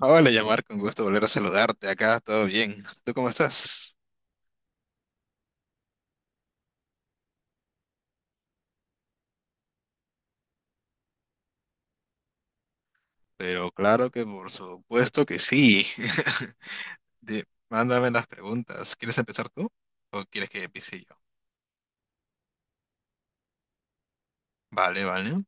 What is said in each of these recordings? Hola, llamar, con gusto volver a saludarte acá, todo bien. ¿Tú cómo estás? Pero claro que por supuesto que sí. Di- Mándame las preguntas. ¿Quieres empezar tú o quieres que empiece yo? Vale, vale.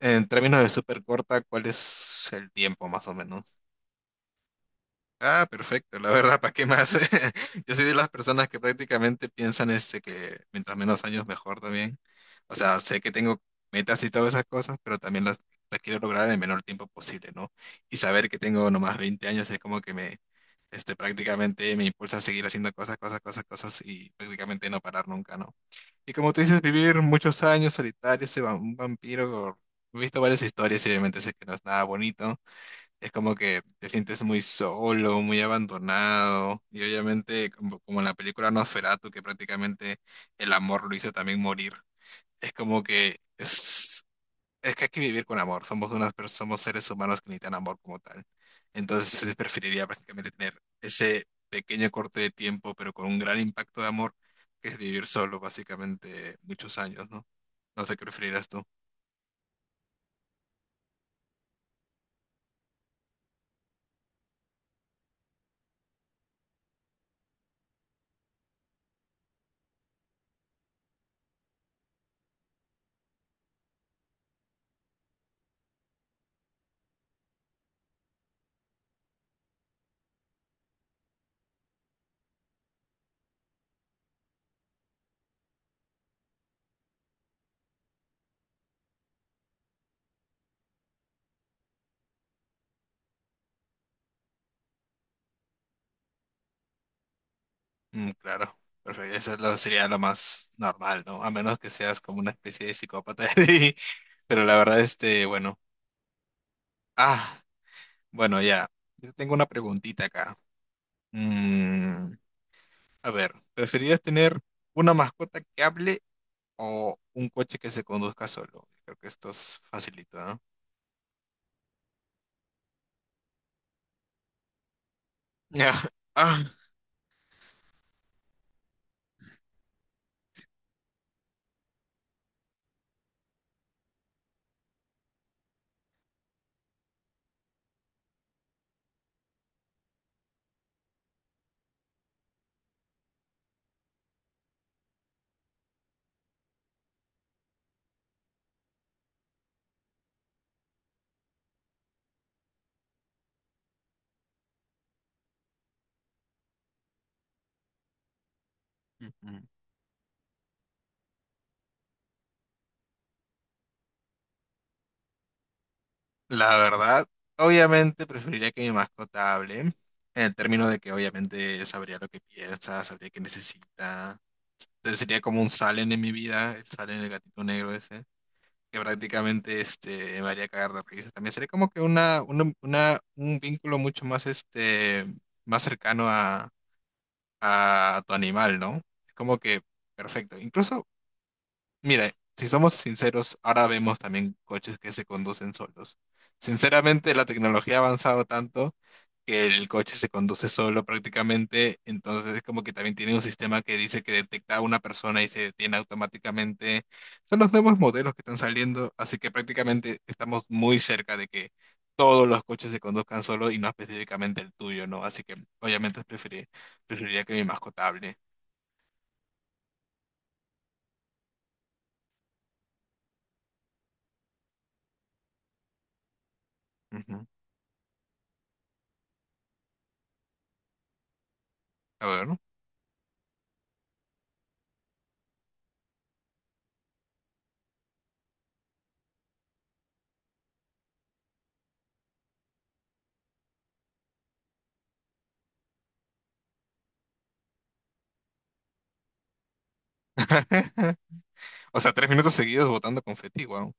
En términos de súper corta, ¿cuál es el tiempo más o menos? Ah, perfecto, la verdad, ¿para qué más? Yo soy de las personas que prácticamente piensan este que mientras menos años mejor también. O sea, sé que tengo metas y todas esas cosas, pero también las quiero lograr en el menor tiempo posible, ¿no? Y saber que tengo nomás 20 años es como que este, prácticamente me impulsa a seguir haciendo cosas, cosas, cosas, cosas y prácticamente no parar nunca, ¿no? Y como tú dices, vivir muchos años solitario, un vampiro, he visto varias historias y obviamente sé que no es nada bonito, es como que te sientes muy solo, muy abandonado. Y obviamente, como en la película Nosferatu, que prácticamente el amor lo hizo también morir. Es como que es que hay que vivir con amor. Somos somos seres humanos que necesitan amor como tal. Entonces, preferiría prácticamente tener ese pequeño corte de tiempo, pero con un gran impacto de amor, que es vivir solo, básicamente, muchos años, ¿no? No sé qué preferirías tú. Mm, claro, perfecto. Eso es sería lo más normal, ¿no? A menos que seas como una especie de psicópata. Pero la verdad, este, bueno. Ah, bueno, ya. Yo tengo una preguntita acá. Mm, a ver, ¿preferirías tener una mascota que hable o un coche que se conduzca solo? Creo que esto es facilito, ¿no? Ya. Ah, ujú, la verdad, obviamente preferiría que mi mascota hable, en el término de que obviamente sabría lo que piensa, sabría qué necesita. Entonces sería como un Salen en mi vida, el Salen, el gatito negro ese, que prácticamente este, me haría cagar de risa. También sería como que un vínculo mucho más, este, más cercano a tu animal, ¿no? Es como que perfecto. Incluso mira, si somos sinceros, ahora vemos también coches que se conducen solos. Sinceramente, la tecnología ha avanzado tanto que el coche se conduce solo prácticamente, entonces es como que también tiene un sistema que dice que detecta a una persona y se detiene automáticamente. Son los nuevos modelos que están saliendo, así que prácticamente estamos muy cerca de que todos los coches se conduzcan solo y no específicamente el tuyo, ¿no? Así que obviamente preferiría que mi mascota hable. Ujú. A ver, ¿no? O sea, 3 minutos seguidos botando confeti, wow.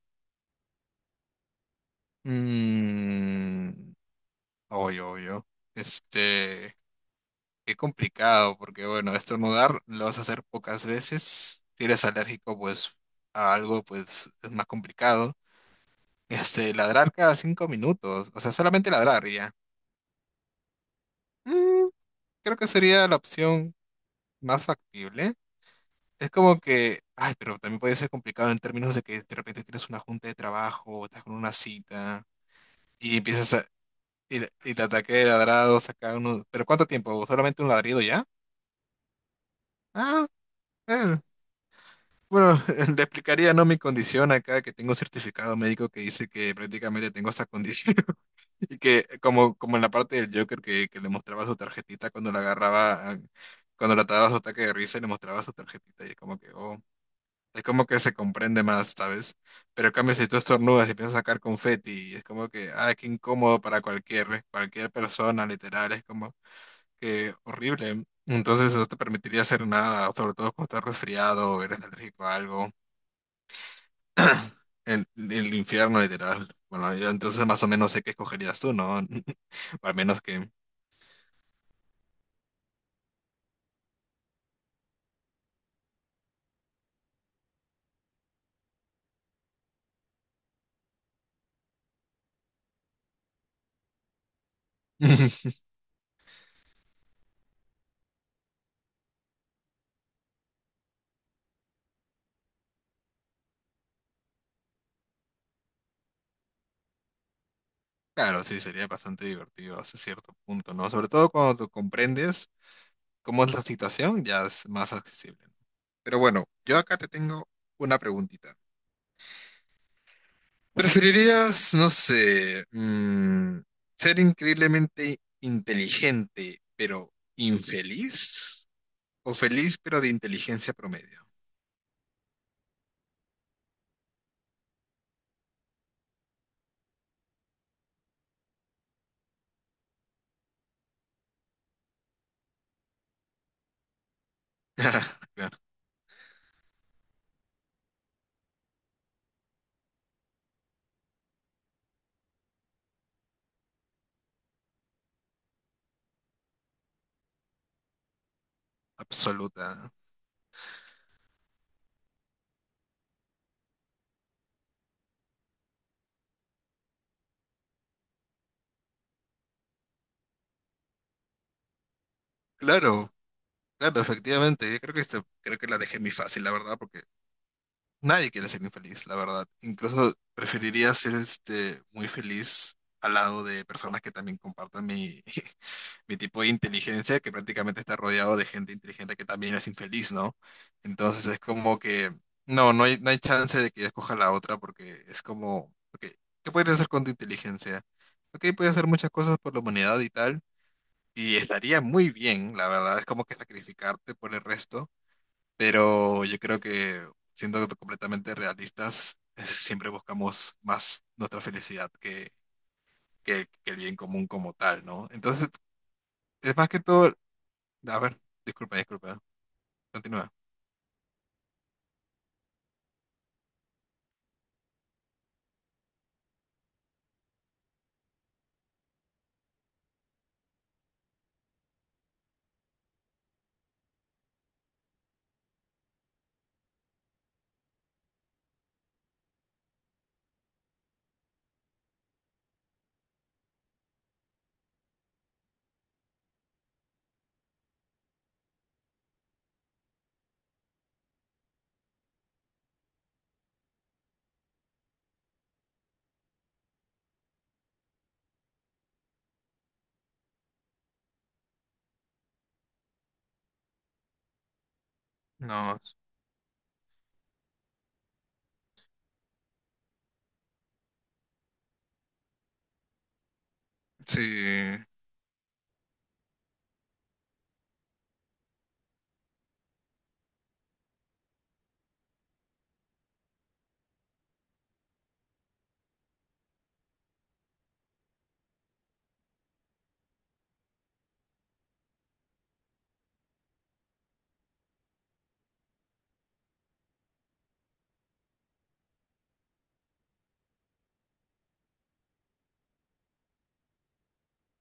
Mmm. Obvio, obvio. Este, qué complicado, porque bueno, estornudar lo vas a hacer pocas veces. Si eres alérgico, pues, a algo, pues, es más complicado. Este, ladrar cada 5 minutos. O sea, solamente ladrar y ya. Mm, creo que sería la opción más factible. Es como que, ay, pero también puede ser complicado en términos de que de repente tienes una junta de trabajo, estás con una cita y empiezas a, y, y le ataqué de ladrados acá uno. ¿Pero cuánto tiempo? ¿Solamente un ladrido ya? Ah, eh, bueno, le explicaría, ¿no? Mi condición acá, que tengo un certificado médico que dice que prácticamente tengo esta condición. Y que como, como en la parte del Joker que le mostraba su tarjetita cuando la agarraba, ah, cuando le ataba su ataque de risa y le mostraba su tarjetita. Y es como que, oh, es como que se comprende más, ¿sabes? Pero en cambio, si tú estornudas y empiezas a sacar confeti, es como que, ah, qué incómodo para cualquier, cualquier persona, literal. Es como... que horrible. Entonces no te permitiría hacer nada, sobre todo cuando estás resfriado o eres alérgico a algo. El infierno, literal. Bueno, yo entonces más o menos sé qué escogerías tú, ¿no? O al menos que... Claro, sí, sería bastante divertido hasta cierto punto, ¿no? Sobre todo cuando tú comprendes cómo es la situación, ya es más accesible, ¿no? Pero bueno, yo acá te tengo una preguntita. ¿Preferirías, no sé, mm, ser increíblemente inteligente pero infeliz? ¿O feliz pero de inteligencia promedio? Claro, absoluta. Claro, claro, efectivamente. Yo creo que esta, creo que la dejé muy fácil, la verdad, porque nadie quiere ser infeliz, la verdad. Incluso preferiría ser este muy feliz al lado de personas que también compartan mi, mi tipo de inteligencia, que prácticamente está rodeado de gente inteligente que también es infeliz, ¿no? Entonces es como que, no, no hay chance de que yo escoja la otra porque es como, ok, ¿qué podrías hacer con tu inteligencia? Ok, puedes hacer muchas cosas por la humanidad y tal, y estaría muy bien, la verdad, es como que sacrificarte por el resto, pero yo creo que siendo completamente realistas, siempre buscamos más nuestra felicidad que el bien común como tal, ¿no? Entonces, es más que todo a ver, disculpa, disculpa. Continúa. No, sí.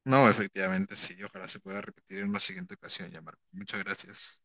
No, efectivamente, sí. Ojalá se pueda repetir en una siguiente ocasión, ya, Marco. Muchas gracias.